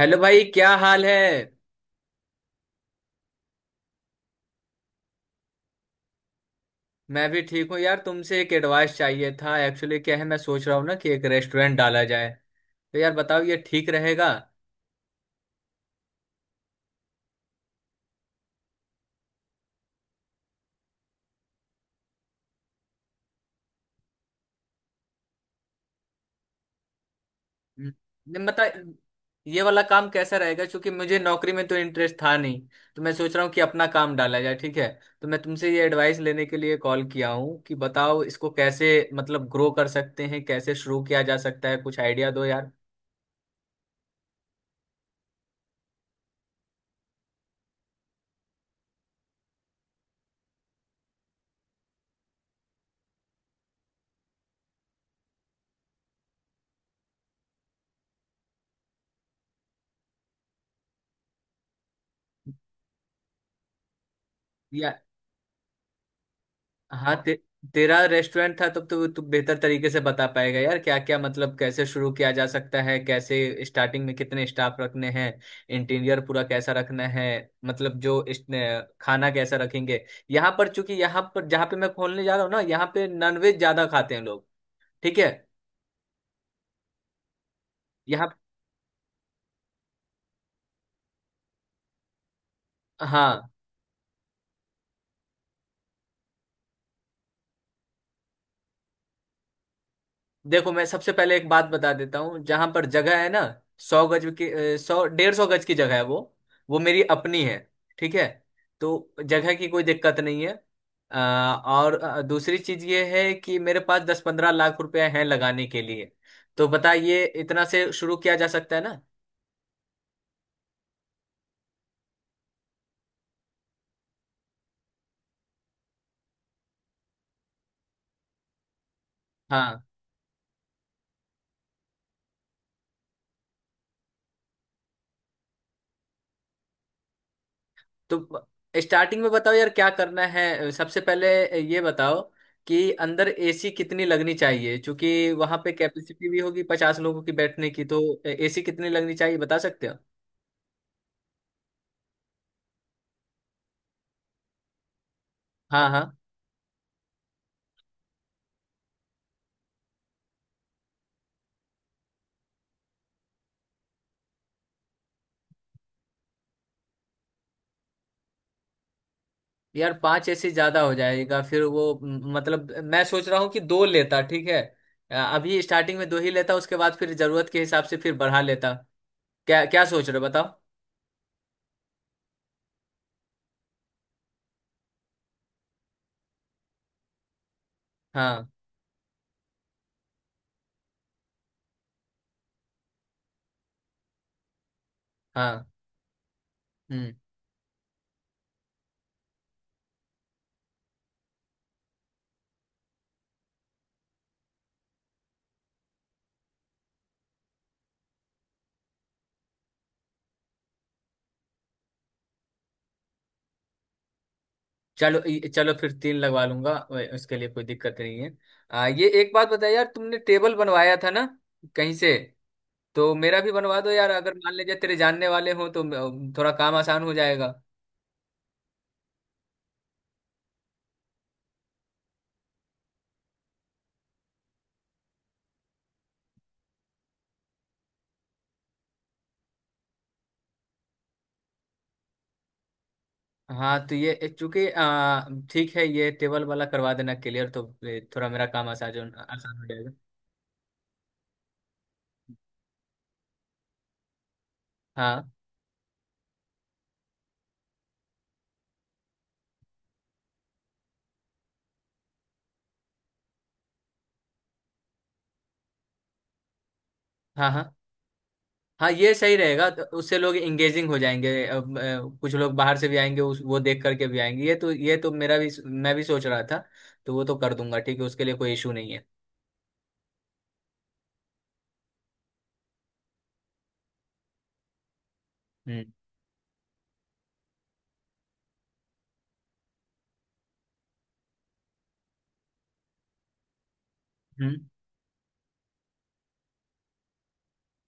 Hello भाई, क्या हाल है। मैं भी ठीक हूँ यार। तुमसे एक एडवाइस चाहिए था। एक्चुअली क्या है, मैं सोच रहा हूँ ना कि एक रेस्टोरेंट डाला जाए। तो यार बताओ, ये ठीक रहेगा। हम्म, नहीं, मतलब ये वाला काम कैसा रहेगा, क्योंकि मुझे नौकरी में तो इंटरेस्ट था नहीं। तो मैं सोच रहा हूँ कि अपना काम डाला जाए, ठीक है। तो मैं तुमसे ये एडवाइस लेने के लिए कॉल किया हूँ कि बताओ, इसको कैसे मतलब ग्रो कर सकते हैं, कैसे शुरू किया जा सकता है, कुछ आइडिया दो यार। या, हाँ, तेरा रेस्टोरेंट था तब तो तू बेहतर तरीके से बता पाएगा यार, क्या क्या मतलब कैसे शुरू किया जा सकता है, कैसे स्टार्टिंग में कितने स्टाफ रखने हैं, इंटीरियर पूरा कैसा रखना है, मतलब जो इस खाना कैसा रखेंगे। यहाँ पर चूंकि यहाँ पर जहाँ पे मैं खोलने जा रहा हूँ ना, यहाँ पे नॉनवेज ज्यादा खाते हैं लोग। ठीक है। यहाँ हाँ, देखो मैं सबसे पहले एक बात बता देता हूँ। जहां पर जगह है ना, सौ गज की 100-150 गज की जगह है वो। वो मेरी अपनी है, ठीक है। तो जगह की कोई दिक्कत नहीं है। अ, और दूसरी चीज ये है कि मेरे पास 10-15 लाख रुपए हैं लगाने के लिए। तो बताइए, इतना से शुरू किया जा सकता है ना। हाँ। तो स्टार्टिंग में बताओ यार क्या करना है सबसे पहले। ये बताओ कि अंदर एसी कितनी लगनी चाहिए, क्योंकि वहां पे कैपेसिटी भी होगी 50 लोगों की बैठने की, तो एसी कितनी लगनी चाहिए बता सकते हो। हाँ हाँ। यार पांच एसी ज्यादा हो जाएगा, फिर वो मतलब मैं सोच रहा हूँ कि दो लेता, ठीक है। अभी स्टार्टिंग में दो ही लेता, उसके बाद फिर जरूरत के हिसाब से फिर बढ़ा लेता। क्या क्या सोच रहे हो बताओ। हाँ हाँ। हम्म। चलो फिर तीन लगवा लूंगा, उसके लिए कोई दिक्कत नहीं है। ये एक बात बताया यार, तुमने टेबल बनवाया था ना कहीं से। तो मेरा भी बनवा दो यार, अगर मान लीजिए तेरे जानने वाले हों तो थोड़ा काम आसान हो जाएगा। हाँ। तो ये चूंकि ठीक है, ये टेबल वाला करवा देना, क्लियर। तो ये थोड़ा मेरा काम आसान आसान हो जाएगा। हाँ हाँ हाँ हाँ, ये सही रहेगा, तो उससे लोग इंगेजिंग हो जाएंगे। अब, कुछ लोग बाहर से भी आएंगे, उस वो देख करके भी आएंगे। ये तो मेरा भी, मैं भी सोच रहा था। तो वो तो कर दूंगा, ठीक है, उसके लिए कोई इशू नहीं है। हम्म। हम्म।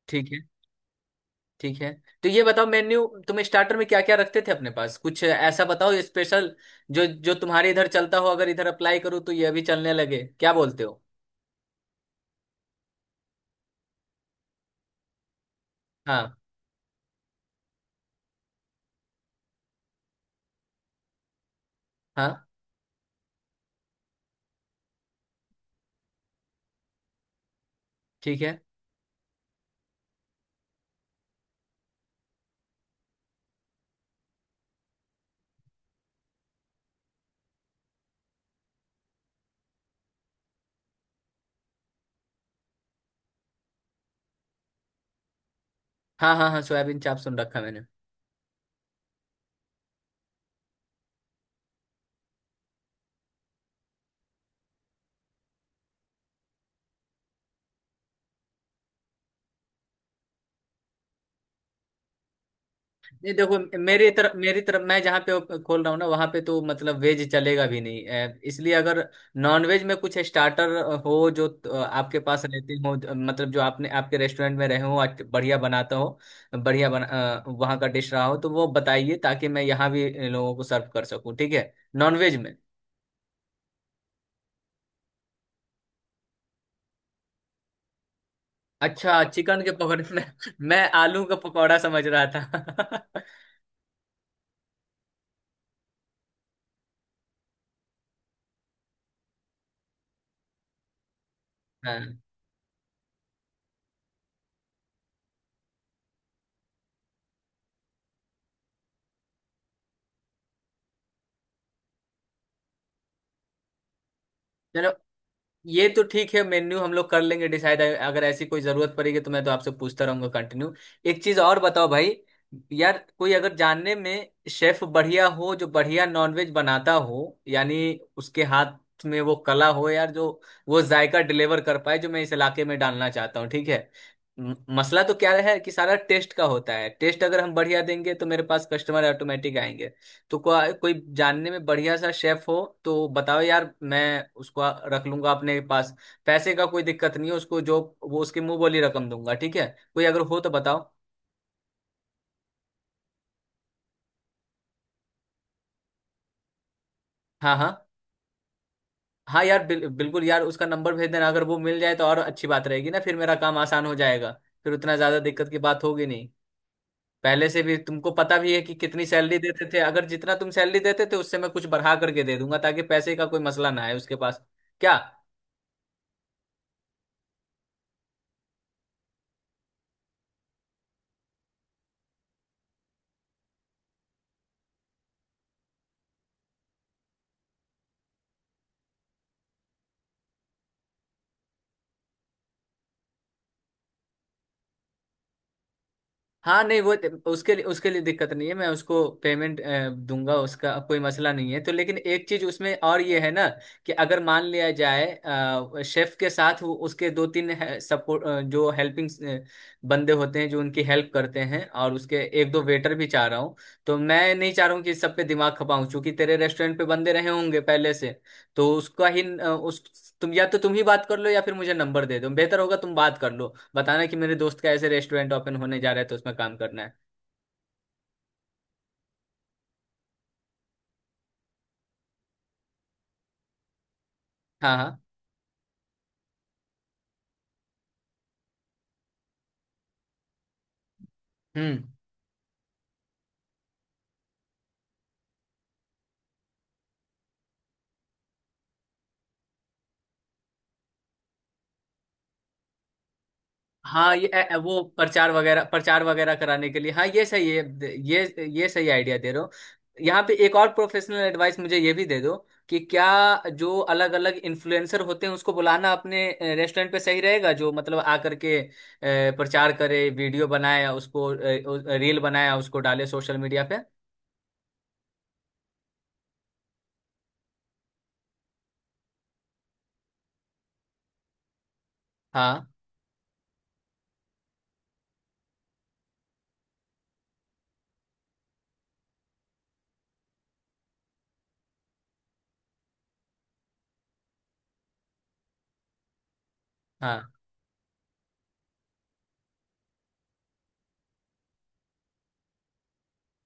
ठीक है। ठीक है। तो ये बताओ, मेन्यू तुम स्टार्टर में क्या क्या रखते थे अपने पास, कुछ ऐसा बताओ स्पेशल, जो जो तुम्हारे इधर चलता हो। अगर इधर अप्लाई करूँ तो ये भी चलने लगे, क्या बोलते हो। हाँ हाँ। ठीक है। हाँ हाँ हाँ, सोयाबीन चाप सुन रखा मैंने। नहीं, देखो मेरी तरफ, मेरी तरफ मैं जहाँ पे खोल रहा हूँ ना, वहाँ पे तो मतलब वेज चलेगा भी नहीं। इसलिए अगर नॉन वेज में कुछ स्टार्टर हो जो आपके पास रहते हो, मतलब जो आपने आपके रेस्टोरेंट में रहे हो, आज बढ़िया बनाता हो, बढ़िया बना वहाँ का डिश रहा हो, तो वो बताइए ताकि मैं यहाँ भी लोगों को सर्व कर सकूँ। ठीक है, नॉन वेज में। अच्छा, चिकन के पकौड़े में। मैं आलू का पकौड़ा समझ रहा था। हाँ चलो, ये तो ठीक है, मेन्यू हम लोग कर लेंगे डिसाइड। अगर ऐसी कोई जरूरत पड़ेगी तो मैं तो आपसे पूछता रहूंगा कंटिन्यू। एक चीज और बताओ भाई, यार कोई अगर जानने में शेफ बढ़िया हो, जो बढ़िया नॉनवेज बनाता हो, यानी उसके हाथ में वो कला हो यार, जो वो जायका डिलीवर कर पाए जो मैं इस इलाके में डालना चाहता हूँ, ठीक है। मसला तो क्या है कि सारा टेस्ट का होता है। टेस्ट अगर हम बढ़िया देंगे तो मेरे पास कस्टमर ऑटोमेटिक आएंगे। तो कोई जानने में बढ़िया सा शेफ हो तो बताओ यार, मैं उसको रख लूंगा अपने पास। पैसे का कोई दिक्कत नहीं है उसको, जो वो उसके मुंह बोली रकम दूंगा, ठीक है। कोई अगर हो तो बताओ। हाँ हाँ। हाँ यार, बिल्कुल यार, उसका नंबर भेज देना, अगर वो मिल जाए तो और अच्छी बात रहेगी ना, फिर मेरा काम आसान हो जाएगा, फिर उतना ज्यादा दिक्कत की बात होगी नहीं। पहले से भी तुमको पता भी है कि कितनी सैलरी देते थे, अगर जितना तुम सैलरी देते थे उससे मैं कुछ बढ़ा करके दे दूंगा ताकि पैसे का कोई मसला ना आए उसके पास। क्या। हाँ नहीं वो, उसके लिए, उसके लिए दिक्कत नहीं है, मैं उसको पेमेंट दूंगा, उसका कोई मसला नहीं है तो। लेकिन एक चीज उसमें और ये है ना, कि अगर मान लिया जाए शेफ के साथ वो उसके दो तीन सपोर्ट, जो हेल्पिंग बंदे होते हैं जो उनकी हेल्प करते हैं, और उसके एक दो वेटर भी चाह रहा हूँ। तो मैं नहीं चाह रहा हूँ कि सब पे दिमाग खपाऊं क्योंकि तेरे रेस्टोरेंट पे बंदे रहे होंगे पहले से। तो उसका ही उस तुम या तो तुम ही बात कर लो, या फिर मुझे नंबर दे दो। बेहतर होगा तुम बात कर लो, बताना कि मेरे दोस्त का ऐसे रेस्टोरेंट ओपन होने जा रहा है, तो उसमें काम करना है। हाँ हाँ। हम्म। हाँ, ये वो प्रचार वगैरह, प्रचार वगैरह कराने के लिए, हाँ ये सही है। ये सही आइडिया दे रहे हो। यहाँ पे एक और प्रोफेशनल एडवाइस मुझे ये भी दे दो, कि क्या जो अलग अलग इन्फ्लुएंसर होते हैं उसको बुलाना अपने रेस्टोरेंट पे सही रहेगा, जो मतलब आकर के प्रचार करे, वीडियो बनाए, उसको रील बनाए, उसको डाले सोशल मीडिया पे। हाँ हाँ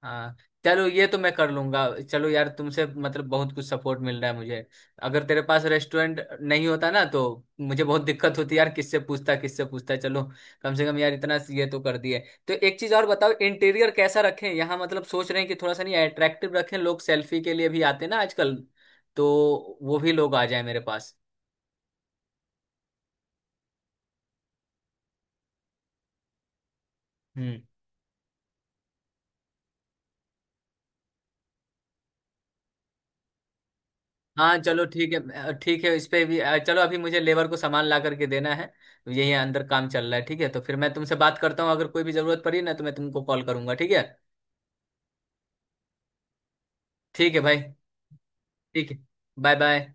हाँ। चलो ये तो मैं कर लूंगा। चलो यार, तुमसे मतलब बहुत कुछ सपोर्ट मिल रहा है मुझे, अगर तेरे पास रेस्टोरेंट नहीं होता ना तो मुझे बहुत दिक्कत होती यार। किससे पूछता, किससे पूछता। चलो, कम से कम यार इतना ये तो कर दिए। तो एक चीज और बताओ, इंटीरियर कैसा रखें यहाँ, मतलब सोच रहे हैं कि थोड़ा सा नहीं अट्रैक्टिव रखें, लोग सेल्फी के लिए भी आते हैं ना आजकल, तो वो भी लोग आ जाए मेरे पास। हम्म। हाँ चलो ठीक है। ठीक है इस पे भी। चलो अभी मुझे लेबर को सामान ला करके देना है, यही अंदर काम चल रहा है, ठीक है। तो फिर मैं तुमसे बात करता हूँ, अगर कोई भी जरूरत पड़ी ना तो मैं तुमको कॉल करूंगा, ठीक है। ठीक है भाई। ठीक है। Bye bye.